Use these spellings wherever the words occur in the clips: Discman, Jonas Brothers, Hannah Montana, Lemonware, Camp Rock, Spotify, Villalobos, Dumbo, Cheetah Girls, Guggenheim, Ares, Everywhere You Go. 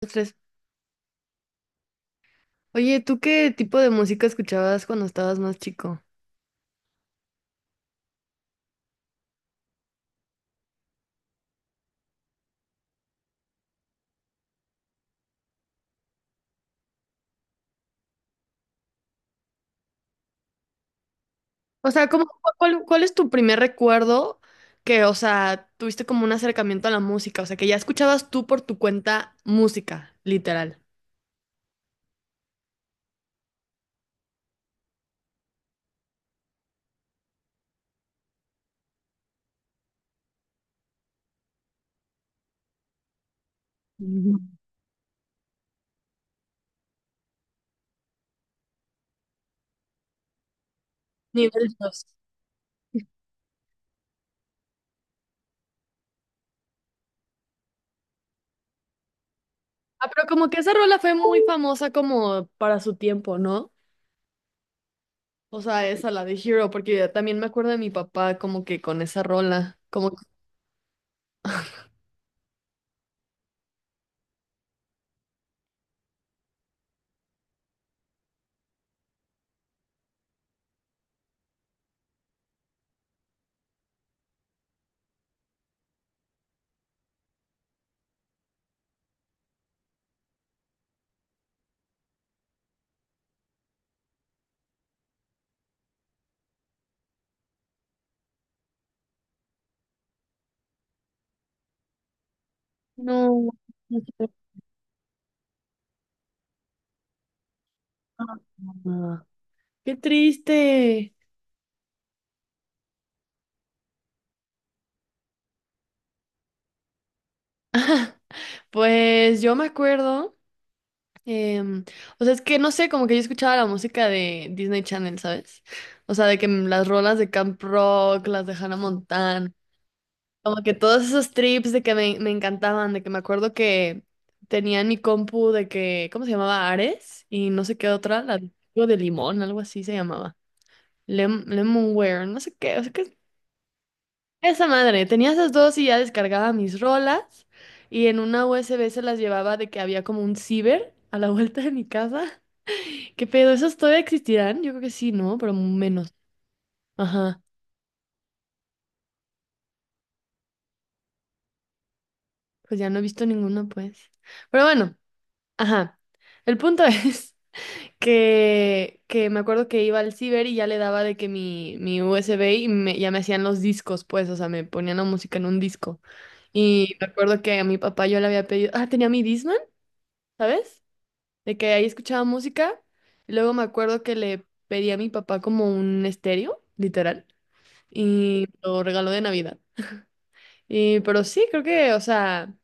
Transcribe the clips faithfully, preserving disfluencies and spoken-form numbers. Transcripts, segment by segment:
Los tres. Oye, ¿tú qué tipo de música escuchabas cuando estabas más chico? O sea, ¿cómo, cu- cuál, cuál es tu primer recuerdo que, o sea, tuviste como un acercamiento a la música? O sea, que ya escuchabas tú por tu cuenta música, literal. Ujú. Nivel dos. Ah, pero como que esa rola fue muy famosa como para su tiempo, ¿no? O sea, esa, la de Hero, porque yo también me acuerdo de mi papá como que con esa rola, como que... No, no sé. Ah, qué triste. Pues yo me acuerdo, em, o sea, es que no sé, como que yo escuchaba la música de Disney Channel, ¿sabes? O sea, de que m- las rolas de Camp Rock, las de Hannah Montana, como que todos esos trips de que me, me encantaban, de que me acuerdo que tenía en mi compu de que, ¿cómo se llamaba? Ares y no sé qué otra, la de, algo de limón, algo así se llamaba. Lem- Lemonware, no sé qué, o sea, que esa madre, tenía esas dos y ya descargaba mis rolas y en una U S B se las llevaba de que había como un ciber a la vuelta de mi casa. ¿Qué pedo? ¿Esos todavía existirán? Yo creo que sí, ¿no? Pero menos. Ajá, pues ya no he visto ninguno, pues. Pero bueno, ajá. El punto es que, que me acuerdo que iba al ciber y ya le daba de que mi, mi U S B y me- ya me hacían los discos, pues, o sea, me ponían la música en un disco. Y me acuerdo que a mi papá yo le había pedido, ah, tenía mi Discman. ¿Sabes? De que ahí escuchaba música. Y luego me acuerdo que le pedí a mi papá como un estéreo, literal, y lo regaló de Navidad. Y, pero sí, creo que, o sea,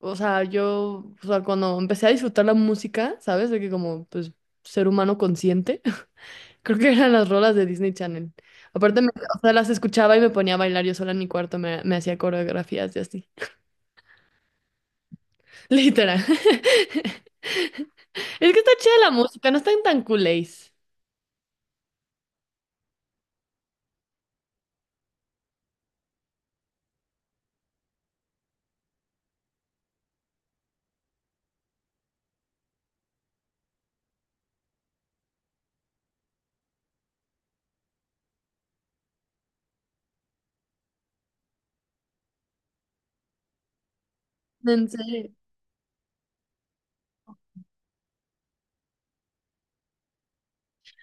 o sea, yo, o sea, cuando empecé a disfrutar la música, ¿sabes? De que como, pues, ser humano consciente, creo que eran las rolas de Disney Channel. Aparte, me- o sea, las escuchaba y me ponía a bailar yo sola en mi cuarto, me, me hacía coreografías y así. Literal. Es que está chida la música, no están tan culés. En serio.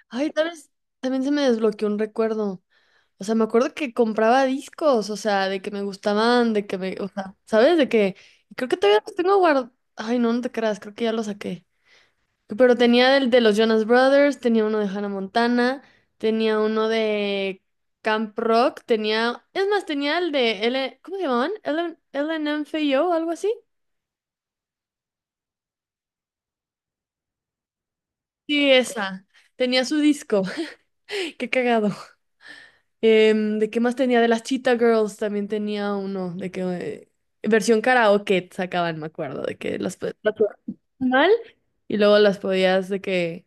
Ay, tal vez también se me desbloqueó un recuerdo. O sea, me acuerdo que compraba discos, o sea, de que me gustaban, de que me, o sea, ¿sabes? De que y creo que todavía los tengo guardados. Ay, no, no te creas, creo que ya los saqué. Pero tenía el de los Jonas Brothers, tenía uno de Hannah Montana, tenía uno de Camp Rock, tenía, es más, tenía el de L, ¿cómo se llamaban? L N, o algo así. Sí, esa. Tenía su disco. Qué cagado. Em, ¿de qué más tenía? De las Cheetah Girls también tenía uno, de que eh, versión karaoke sacaban, me acuerdo, de que las podías mal y luego las podías de que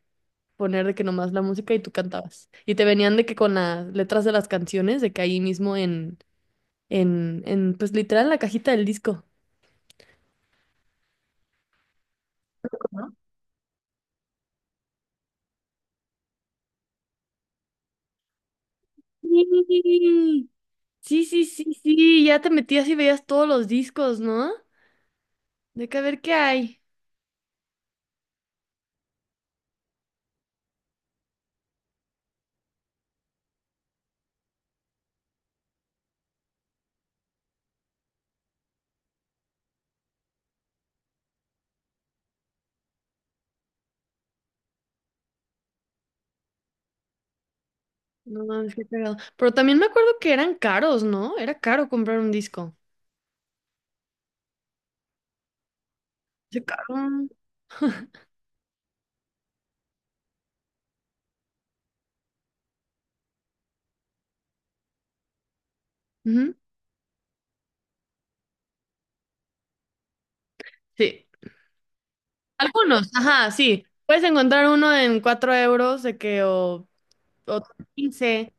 poner de que nomás la música y tú cantabas. Y te venían de que con las letras de las canciones, de que ahí mismo en, en, en pues literal en la cajita del disco. ¿No? Sí, sí, sí, sí, sí, ya te metías y veías todos los discos, ¿no? De que a ver qué hay. No mames, qué cagado. Pero también me acuerdo que eran caros, ¿no? Era caro comprar un disco. Sí, caro. Ujú. Sí. Algunos, ajá, sí. Puedes encontrar uno en cuatro euros de que o, o quince.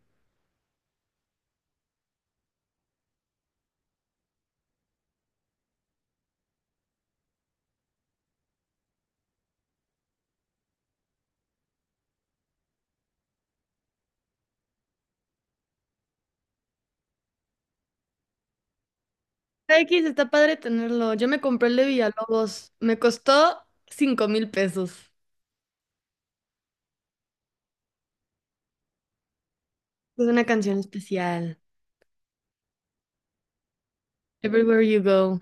X está padre tenerlo. Yo me compré el de Villalobos. Me costó cinco mil pesos. Es una canción especial. Everywhere You Go.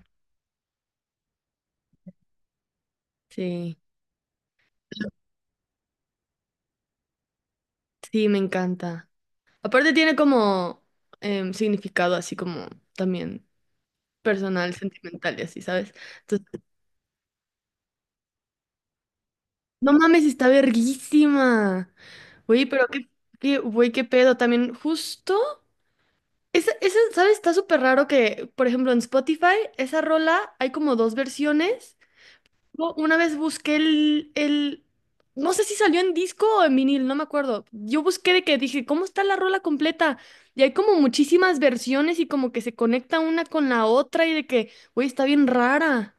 Sí. Sí, me encanta. Aparte tiene como em, significado así como también personal, sentimental y así, ¿sabes? No mames, está verguísima. Oye, pero qué, qué, güey, qué pedo. También justo, esa, esa, ¿sabes? Está súper raro que, por ejemplo, en Spotify, esa rola hay como dos versiones. Yo una vez busqué el, el, no sé si salió en disco o en vinil, no me acuerdo. Yo busqué de que dije, ¿cómo está la rola completa? Y hay como muchísimas versiones y como que se conecta una con la otra y de que, güey, está bien rara.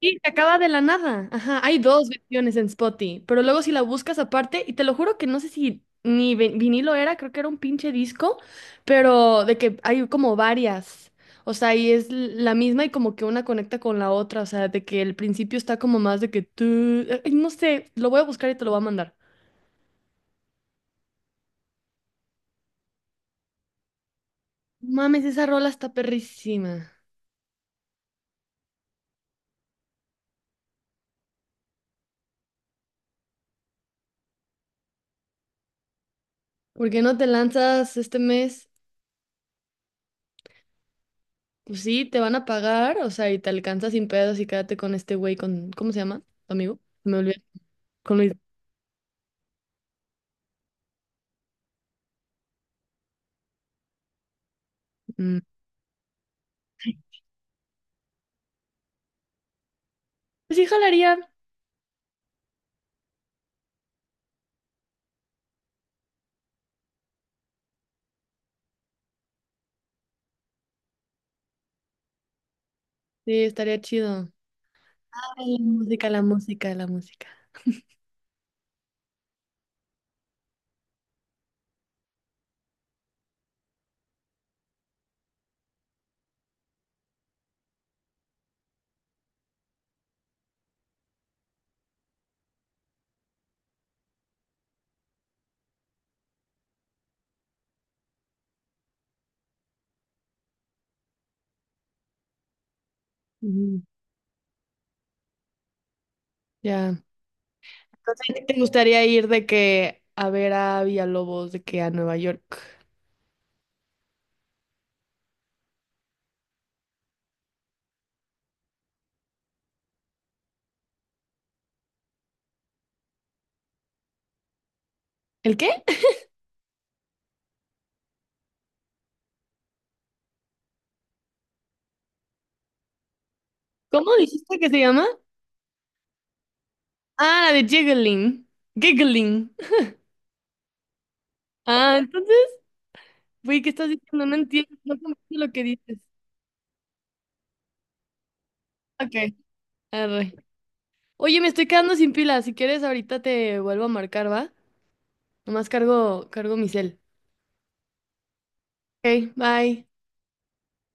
Sí, se acaba de la nada. Ajá, hay dos versiones en Spotify, pero luego si la buscas aparte, y te lo juro que no sé si ni vi- vinilo era, creo que era un pinche disco, pero de que hay como varias. O sea, y es l- la misma y como que una conecta con la otra, o sea, de que el principio está como más de que tú, eh, no sé, lo voy a buscar y te lo voy a mandar. No mames, esa rola está perrísima. ¿Por qué no te lanzas este mes? Pues sí, te van a pagar, o sea, y te alcanzas sin pedos y quédate con este güey, con, ¿cómo se llama? ¿Tu amigo? Me olvidé. Con Luis. Mm. Pues sí, jalaría. Sí, estaría chido. Ay, la música, la música, la música. Ujú. Ya. Entonces, ¿a ti te gustaría ir de que a ver a Villalobos, de que a Nueva York? ¿El qué? ¿Cómo dijiste que se llama? Ah, la de Jiggling. Giggling. Ah, entonces, güey, ¿qué estás diciendo? No entiendo, no comprendo lo que dices. Ok, arre. Oye, me estoy quedando sin pila. Si quieres, ahorita te vuelvo a marcar, ¿va? Nomás cargo, cargo mi cel. Ok, bye.